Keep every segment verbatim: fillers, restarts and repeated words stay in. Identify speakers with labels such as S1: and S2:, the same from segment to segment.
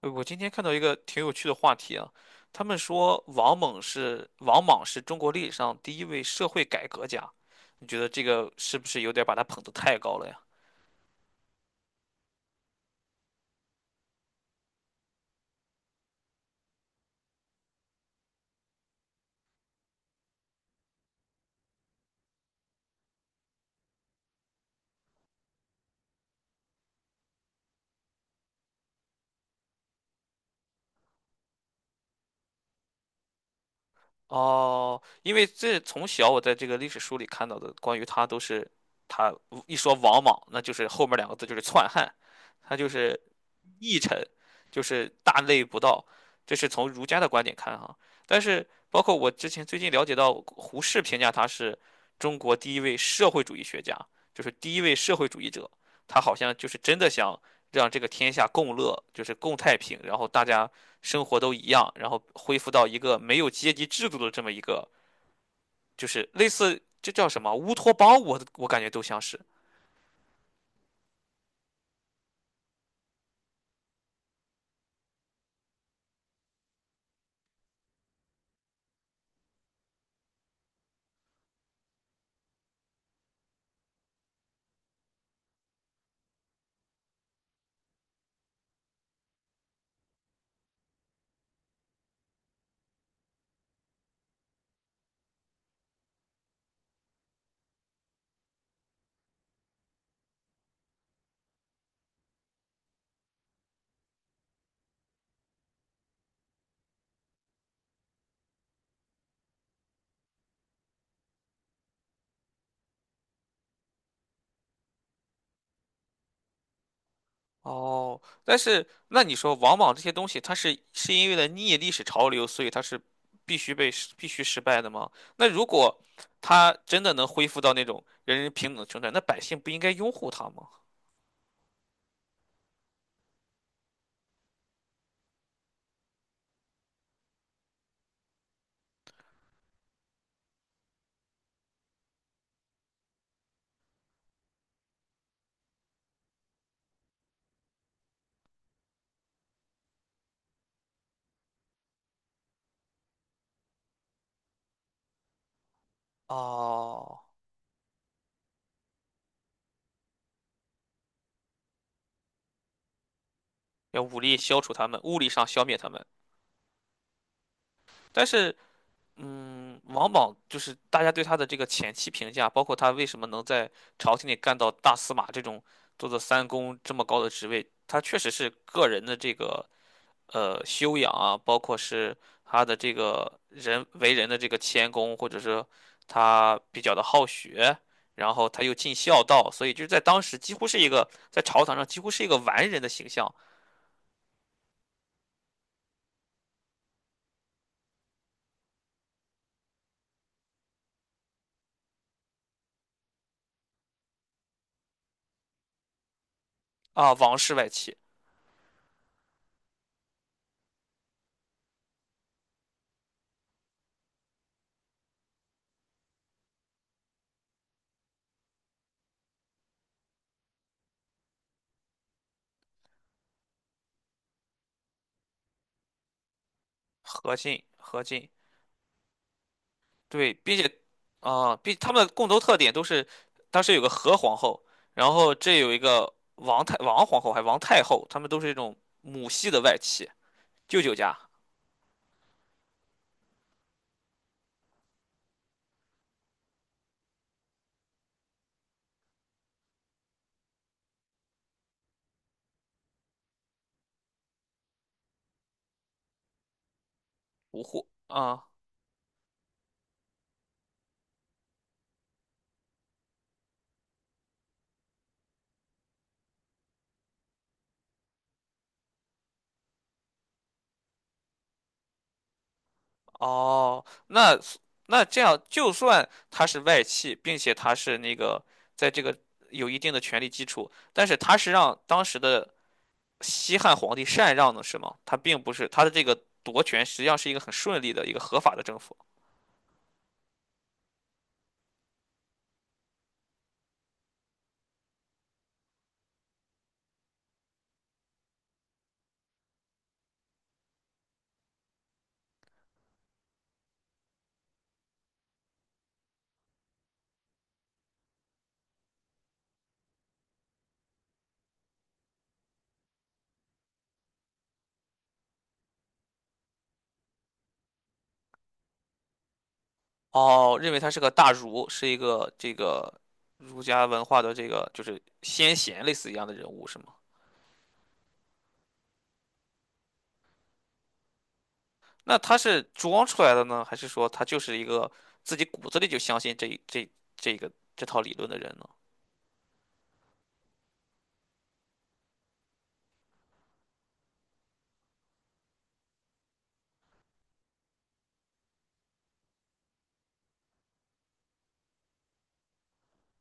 S1: 呃我今天看到一个挺有趣的话题啊，他们说王蒙是王莽是中国历史上第一位社会改革家，你觉得这个是不是有点把他捧得太高了呀？哦，因为这从小我在这个历史书里看到的关于他都是，他一说王莽，那就是后面两个字就是篡汉，他就是佚臣，就是大逆不道，这是从儒家的观点看哈。但是包括我之前最近了解到，胡适评价他是中国第一位社会主义学家，就是第一位社会主义者，他好像就是真的想让这个天下共乐，就是共太平，然后大家生活都一样，然后恢复到一个没有阶级制度的这么一个，就是类似这叫什么乌托邦，我我感觉都像是。哦，但是那你说往往这些东西，它是是因为了逆历史潮流，所以它是必须被必须失败的吗？那如果它真的能恢复到那种人人平等的生态，那百姓不应该拥护它吗？哦，要武力消除他们，物理上消灭他们，但是嗯，王莽就是大家对他的这个前期评价，包括他为什么能在朝廷里干到大司马这种做到三公这么高的职位，他确实是个人的这个呃修养啊，包括是他的这个人为人的这个谦恭，或者是他比较的好学，然后他又尽孝道，所以就是在当时几乎是一个在朝堂上几乎是一个完人的形象。啊，王室外戚，何进，何进。对，并且啊，并他们的共同特点都是，当时有个何皇后，然后这有一个王太王皇后，还王太后，他们都是这种母系的外戚，舅舅家无户啊。哦，那那这样，就算他是外戚，并且他是那个在这个有一定的权力基础，但是他是让当时的西汉皇帝禅让的，是吗？他并不是他的这个夺权，实际上是一个很顺利的一个合法的政府。哦，认为他是个大儒，是一个这个儒家文化的这个就是先贤类似一样的人物，是吗？那他是装出来的呢，还是说他就是一个自己骨子里就相信这这这个这套理论的人呢？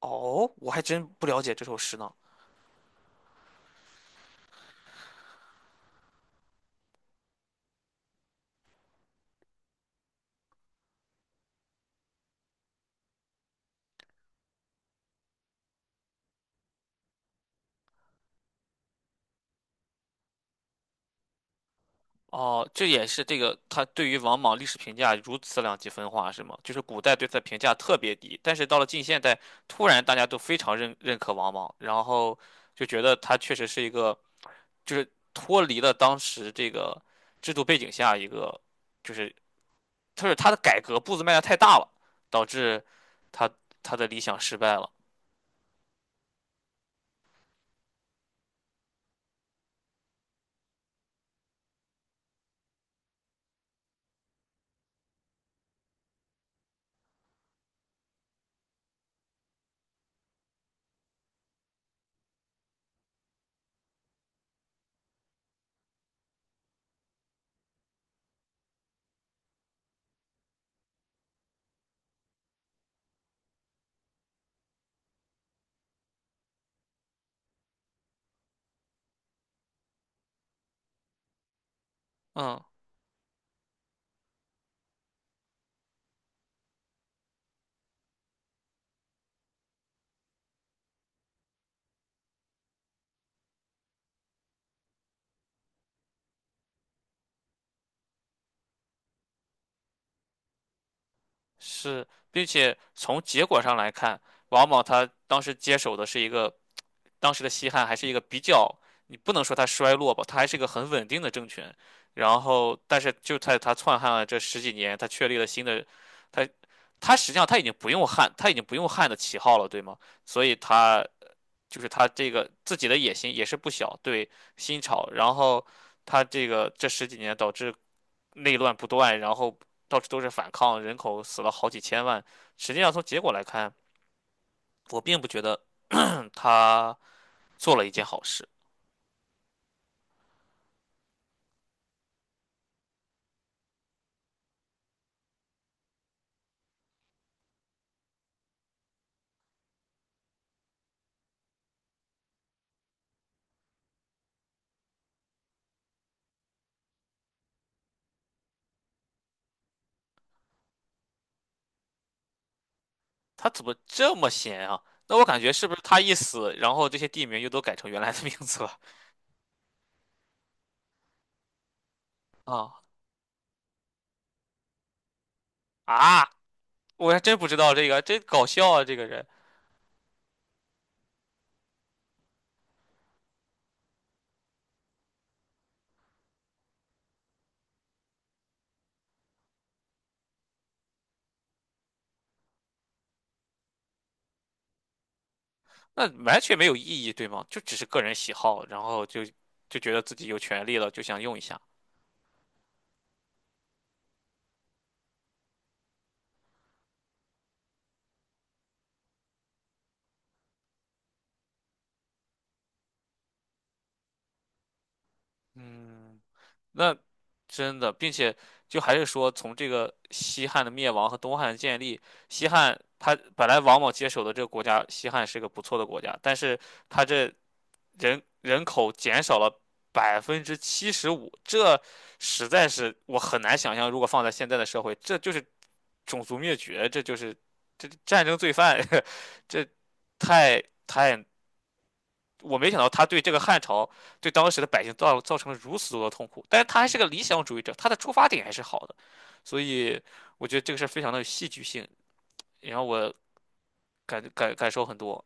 S1: 哦，我还真不了解这首诗呢。哦，这也是这个他对于王莽历史评价如此两极分化，是吗？就是古代对他的评价特别低，但是到了近现代，突然大家都非常认认可王莽，然后就觉得他确实是一个，就是脱离了当时这个制度背景下一个，就是就是他的改革步子迈的太大了，导致他他的理想失败了。嗯。是，并且从结果上来看，王莽他当时接手的是一个，当时的西汉还是一个比较，你不能说它衰落吧，它还是一个很稳定的政权。然后，但是就在他篡汉了这十几年，他确立了新的，他他实际上他已经不用汉，他已经不用汉的旗号了，对吗？所以他就是他这个自己的野心也是不小，对新朝。然后他这个这十几年导致内乱不断，然后到处都是反抗，人口死了好几千万。实际上从结果来看，我并不觉得 他做了一件好事。他怎么这么闲啊？那我感觉是不是他一死，然后这些地名又都改成原来的名字了 啊啊！我还真不知道这个，真搞笑啊！这个人，那完全没有意义，对吗？就只是个人喜好，然后就就觉得自己有权利了，就想用一下。嗯。那真的，并且就还是说，从这个西汉的灭亡和东汉的建立，西汉他本来王莽接手的这个国家，西汉是个不错的国家，但是他这人人口减少了百分之七十五，这实在是我很难想象，如果放在现在的社会，这就是种族灭绝，这就是这战争罪犯，这太太我没想到他对这个汉朝、对当时的百姓造造成了如此多的痛苦，但是他还是个理想主义者，他的出发点还是好的，所以我觉得这个事儿非常的有戏剧性，也让我感感感受很多。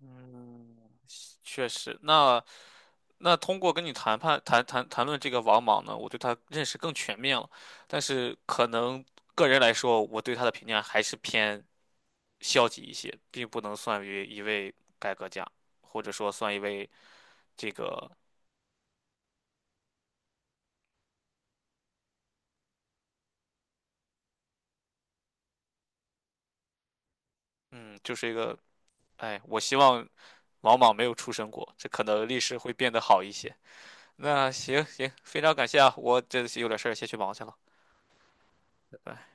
S1: 嗯，确实，那那通过跟你谈判谈谈谈论这个王莽呢，我对他认识更全面了，但是可能个人来说，我对他的评价还是偏消极一些，并不能算于一位改革家，或者说算一位这个嗯，就是一个哎，我希望王莽没有出生过，这可能历史会变得好一些。那行行，非常感谢啊，我这有点事儿，先去忙去了，拜拜。